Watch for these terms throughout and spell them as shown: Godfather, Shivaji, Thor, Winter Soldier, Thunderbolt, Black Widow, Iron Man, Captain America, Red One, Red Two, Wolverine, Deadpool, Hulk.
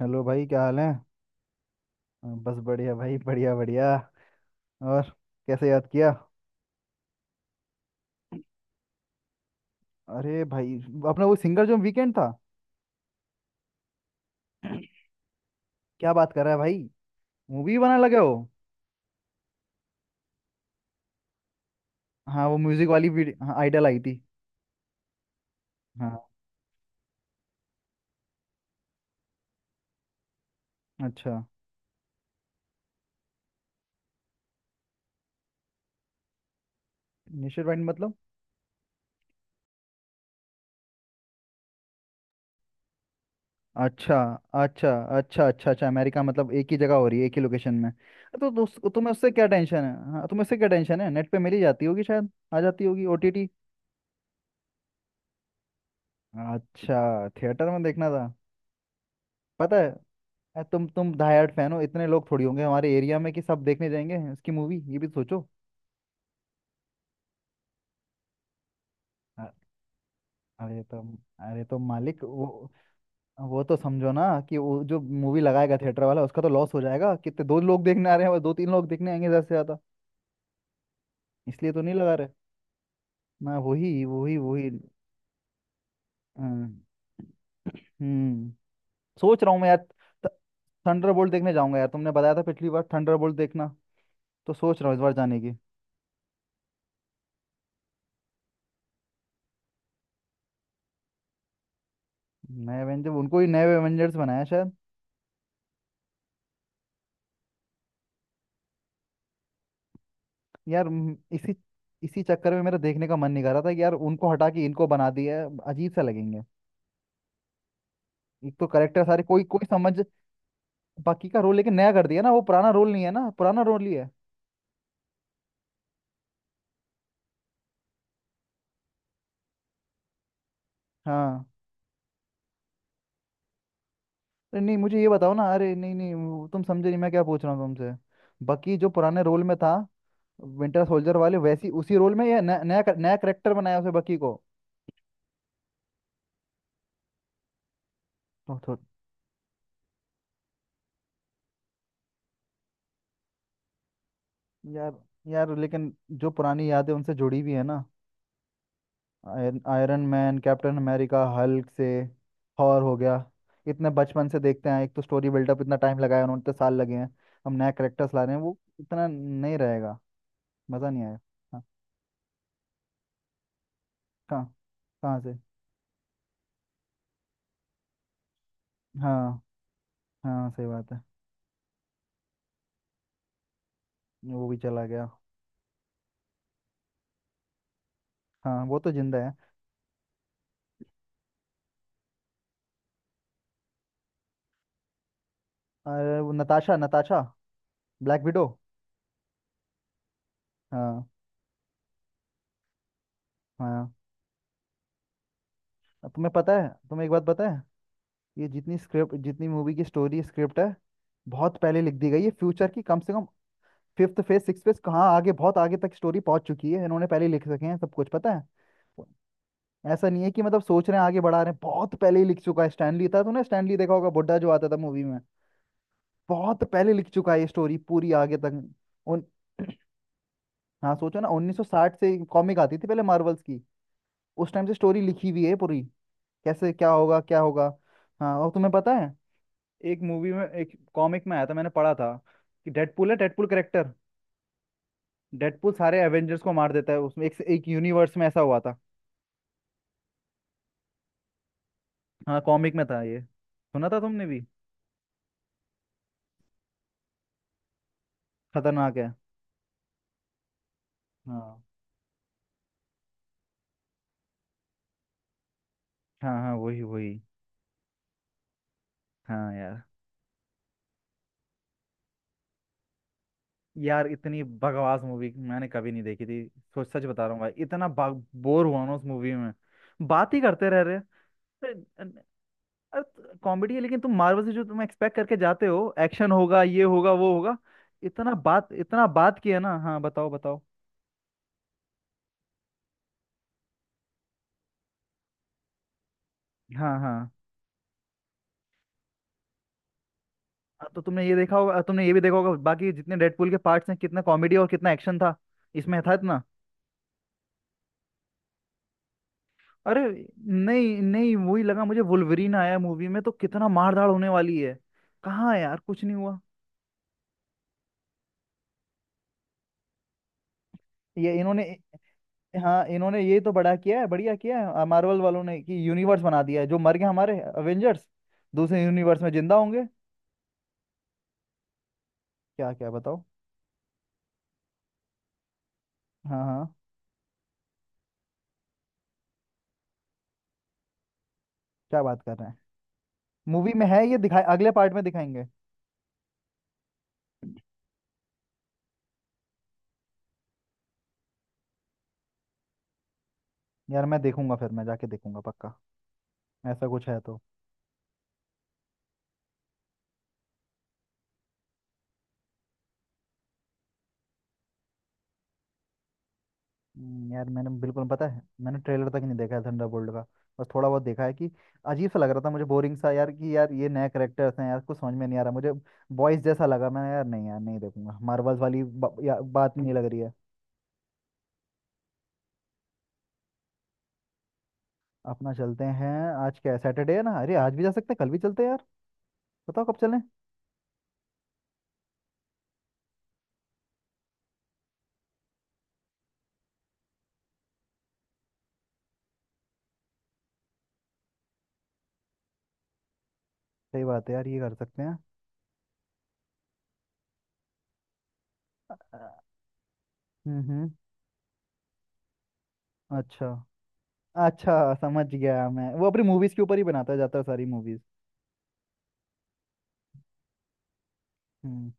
Hello भाई, क्या हाल है। बस बढ़िया भाई, बढ़िया बढ़िया। और कैसे याद किया। अरे भाई, अपना वो सिंगर जो वीकेंड था। क्या बात कर रहा है भाई, मूवी बनाने लगे हो। हाँ वो म्यूजिक वाली वीडियो, हाँ आइडल आई थी। हाँ। अच्छा। नेचर वाइड मतलब। अच्छा अच्छा अच्छा। अच्छा अच्छा, अमेरिका मतलब एक ही जगह हो रही है, एक ही लोकेशन में। तो तुम्हें उससे क्या टेंशन है, हाँ तुम्हें उससे क्या टेंशन है, नेट पे मिल ही जाती होगी, शायद आ जाती होगी ओटीटी। अच्छा थिएटर में देखना था। पता है। अ, तुम डाई हार्ड फैन हो, इतने लोग थोड़ी होंगे हमारे एरिया में कि सब देखने जाएंगे इसकी मूवी, ये भी सोचो। अ- अरे तो, अरे तो मालिक वो तो समझो ना कि वो जो मूवी लगाएगा थिएटर वाला, उसका तो लॉस हो जाएगा। कितने दो लोग देखने आ रहे हैं, बस दो तीन लोग देखने आएंगे ज्यादा से ज्यादा। इसलिए तो नहीं लगा रहे। मैं वही वही वही। हाँ। हम्म। सोच रहा हूँ मैं यार, थंडरबोल्ट देखने जाऊंगा यार। तुमने बताया था पिछली बार थंडरबोल्ट देखना, तो सोच रहा हूँ इस बार जाने की। नए एवेंजर, उनको ही नए एवेंजर्स बनाया शायद। यार म- इसी इसी चक्कर में मेरा देखने का मन नहीं कर रहा था कि यार उनको हटा के इनको बना दिया है, अजीब सा लगेंगे। एक तो करेक्टर सारे, कोई कोई समझ। बाकी का रोल, लेकिन नया कर दिया ना, वो पुराना रोल नहीं है ना, पुराना रोल ही है। हाँ। अरे नहीं मुझे ये बताओ ना, अरे नहीं नहीं वो तुम समझे नहीं मैं क्या पूछ रहा हूँ तुमसे। बाकी जो पुराने रोल में था, विंटर सोल्जर वाले वैसी उसी रोल में या नया नया करेक्टर बनाया उसे बकी को। तो यार, यार लेकिन जो पुरानी यादें उनसे जुड़ी हुई है ना। Iron Iron Man, Captain America, Hulk से, थॉर हो गया। इतने बचपन से देखते हैं, एक तो स्टोरी बिल्डअप इतना टाइम लगाया उन्होंने, इतने साल लगे हैं। हम नया करेक्टर्स ला रहे हैं, वो इतना नहीं रहेगा। मज़ा नहीं आएगा। हाँ। कहाँ, कहाँ से। हाँ हाँ सही बात है। वो भी चला गया। हाँ वो तो जिंदा है। अरे वो नताशा, नताशा, ब्लैक विडो। हाँ हाँ। अब तुम्हें पता है, तुम्हें एक बात पता है। ये जितनी स्क्रिप्ट, जितनी मूवी की स्टोरी स्क्रिप्ट है, बहुत पहले लिख दी गई है, फ्यूचर की कम से कम। फिफ्थ फेज, सिक्स फेज, कहाँ आगे, बहुत आगे तक स्टोरी पहुंच चुकी है। इन्होंने पहले लिख सके हैं, सब कुछ पता है। ऐसा नहीं है कि मतलब सोच रहे हैं आगे बढ़ा रहे हैं, बहुत पहले ही लिख चुका है। स्टैनली था, तूने स्टैनली देखा होगा, बुड्ढा जो आता था मूवी में। बहुत पहले लिख चुका है ये स्टोरी, पूरी आगे तक। उन। हाँ सोचो ना, 1960 से कॉमिक आती थी पहले मार्वल्स की। उस टाइम से स्टोरी लिखी हुई है पूरी। कैसे क्या होगा क्या होगा। हाँ, और तुम्हें पता है, एक मूवी में, एक कॉमिक में आया था, मैंने पढ़ा था कि डेडपूल है, डेडपूल करेक्टर। डेडपूल सारे एवेंजर्स को मार देता है, उसमें एक, एक यूनिवर्स में ऐसा हुआ था। हाँ, कॉमिक में था, ये सुना था तुमने भी। खतरनाक है। हाँ हाँ। हाँ, वही वही। हाँ यार। यार इतनी बकवास मूवी मैंने कभी नहीं देखी थी। सोच, सच बता रहा हूँ भाई, इतना बोर हुआ ना उस मूवी में। बात ही करते रह रहे। अरे, अरे कॉमेडी है लेकिन तुम मार्वल से जो तुम एक्सपेक्ट करके जाते हो, एक्शन होगा, ये होगा, वो होगा। इतना बात, इतना बात किया ना। हाँ बताओ बताओ। हाँ हाँ। हाँ, तो तुमने ये देखा होगा, तुमने ये भी देखा होगा, बाकी जितने डेडपूल के पार्ट्स हैं, कितना कॉमेडी और कितना एक्शन था। इसमें था इतना। अरे, नहीं नहीं वही लगा मुझे, वुल्वरीन आया मूवी में तो कितना मारधाड़ होने वाली है। कहाँ है यार, कुछ नहीं हुआ। ये इन्होंने। हाँ, इन्होंने ये तो बड़ा किया है, बढ़िया किया है मार्वल वालों ने कि यूनिवर्स बना दिया है। जो मर गए हमारे अवेंजर्स, दूसरे यूनिवर्स में जिंदा होंगे। क्या, क्या बताओ। हाँ हाँ। क्या बात कर रहे हैं। मूवी में है, ये दिखाए, अगले पार्ट में दिखाएंगे। यार मैं देखूंगा, फिर मैं जाके देखूंगा पक्का। ऐसा कुछ है तो। यार मैंने बिल्कुल, पता है, मैंने ट्रेलर तक नहीं देखा है थंडरबोल्ट का। बस थोड़ा बहुत देखा है कि अजीब सा लग रहा था मुझे, बोरिंग सा यार, कि यार ये नए करेक्टर्स हैं यार, कुछ समझ में नहीं आ रहा मुझे। बॉयज जैसा लगा मैंने यार, नहीं यार नहीं देखूंगा मार्वल्स वाली बात नहीं लग रही है। अपना चलते हैं। आज क्या है, सैटरडे है ना, अरे आज भी जा सकते हैं, कल भी चलते हैं यार। बताओ कब चलें। सही बात है यार, ये कर सकते हैं। अ, हम्म। अच्छा, अच्छा समझ गया मैं। वो अपनी मूवीज के ऊपर ही बनाता जाता है सारी मूवीज। हम्म।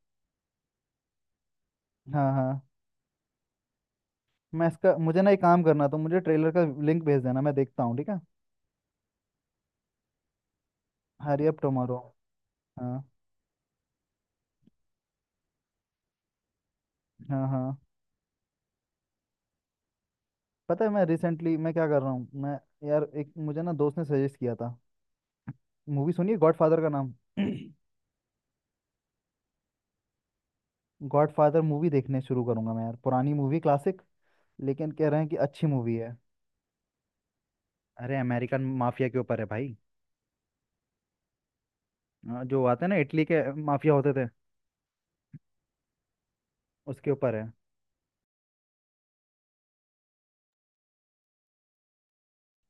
हाँ हाँ। मैं इसका, मुझे ना एक काम करना, तो मुझे ट्रेलर का लिंक भेज देना, मैं देखता हूँ, ठीक है। Hurry up tomorrow. हाँ हाँ हाँ। पता है मैं रिसेंटली, मैं क्या कर रहा हूँ मैं, यार एक मुझे ना दोस्त ने सजेस्ट किया था। मूवी सुनिए गॉडफादर का नाम। गॉडफादर मूवी देखने शुरू करूंगा मैं यार, पुरानी मूवी, क्लासिक। लेकिन कह रहे हैं कि अच्छी मूवी है। अरे अमेरिकन माफिया के ऊपर है भाई। हाँ, जो आते हैं ना इटली के माफिया होते थे, उसके ऊपर है।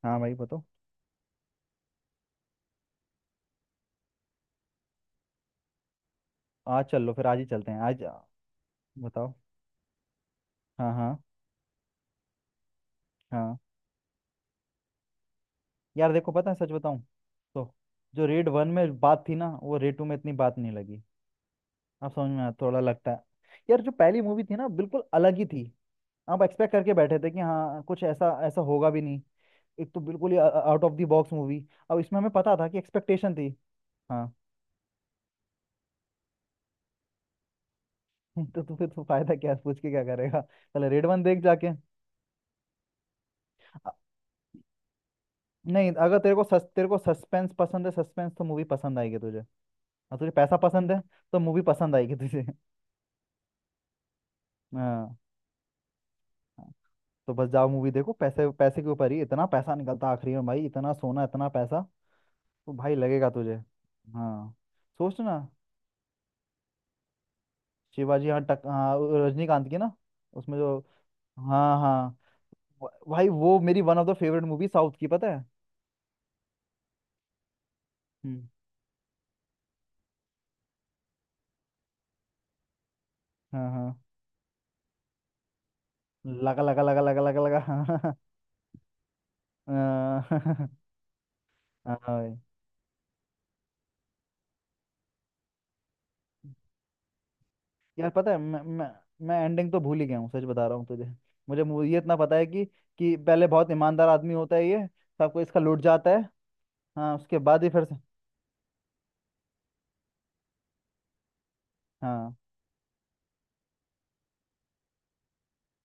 हाँ भाई बताओ। आज चल लो, फिर आज ही चलते हैं। बताओ। हाँ हाँ। हाँ यार देखो, पता है सच बताऊं तो, जो रेड वन में बात थी ना, वो रेड टू में इतनी बात नहीं लगी। अब समझ में आया, थोड़ा लगता है। यार जो पहली मूवी थी ना, बिल्कुल अलग ही थी। आप एक्सपेक्ट करके बैठे थे कि हाँ, कुछ ऐसा ऐसा होगा भी नहीं। एक तो बिल्कुल ही out of the box movie. अब इसमें हमें पता था कि एक्सपेक्टेशन थी। हाँ। तो फिर तो फायदा क्या है, पूछ के क्या करेगा, पहले रेड वन देख जाके नहीं, अगर तेरे को सस्पेंस पसंद है, सस्पेंस तो मूवी पसंद आएगी तुझे। और तुझे पैसा पसंद है, तो मूवी पसंद आएगी तुझे। हाँ। हाँ। तो बस जाओ मूवी देखो, पैसे, पैसे के ऊपर ही, इतना पैसा निकलता आखिरी में भाई, इतना सोना, इतना पैसा, तो भाई लगेगा तुझे। हाँ। सोच ना। शिवाजी, हाँ टक हाँ वो रजनीकांत की ना, उसमें जो। हाँ हाँ, भाई वो मेरी one of the favourite movie south की, पता है। हम्म। हाँ हाँ। लगा लगा लगा लगा लगा लगा, हाँ हाँ। हाँ हाँ, हाँ, भाई। यार पता है, मैं मैं एंडिंग तो भूल ही गया हूँ, सच बता रहा हूँ तुझे। ये इतना पता है कि पहले बहुत ईमानदार आदमी होता है ये, सबको इसका लुट जाता है। हाँ, उसके बाद ही फिर से। हाँ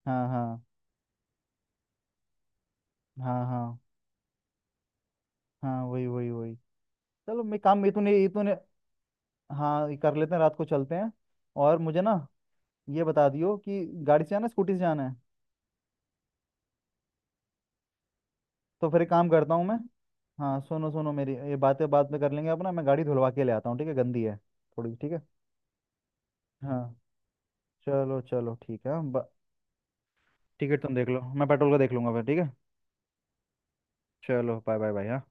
हाँ, हाँ हाँ, हाँ हाँ, वही वही वही। चलो मैं काम, ये तूने, ये तूने। हाँ ये कर लेते हैं रात को चलते हैं। और मुझे ना ये बता दियो कि गाड़ी से जाना है, स्कूटी से जाना है। तो फिर एक काम करता हूँ मैं। हाँ सुनो सुनो, मेरी ये बातें बाद में कर लेंगे, अपना मैं गाड़ी धुलवा के ले आता हूँ ठीक है, गंदी है थोड़ी, ठीक है। हाँ चलो चलो ठीक है टिकट तुम देख लो, मैं पेट्रोल का देख लूंगा फिर, ठीक है। चलो बाय बाय बाय। हाँ।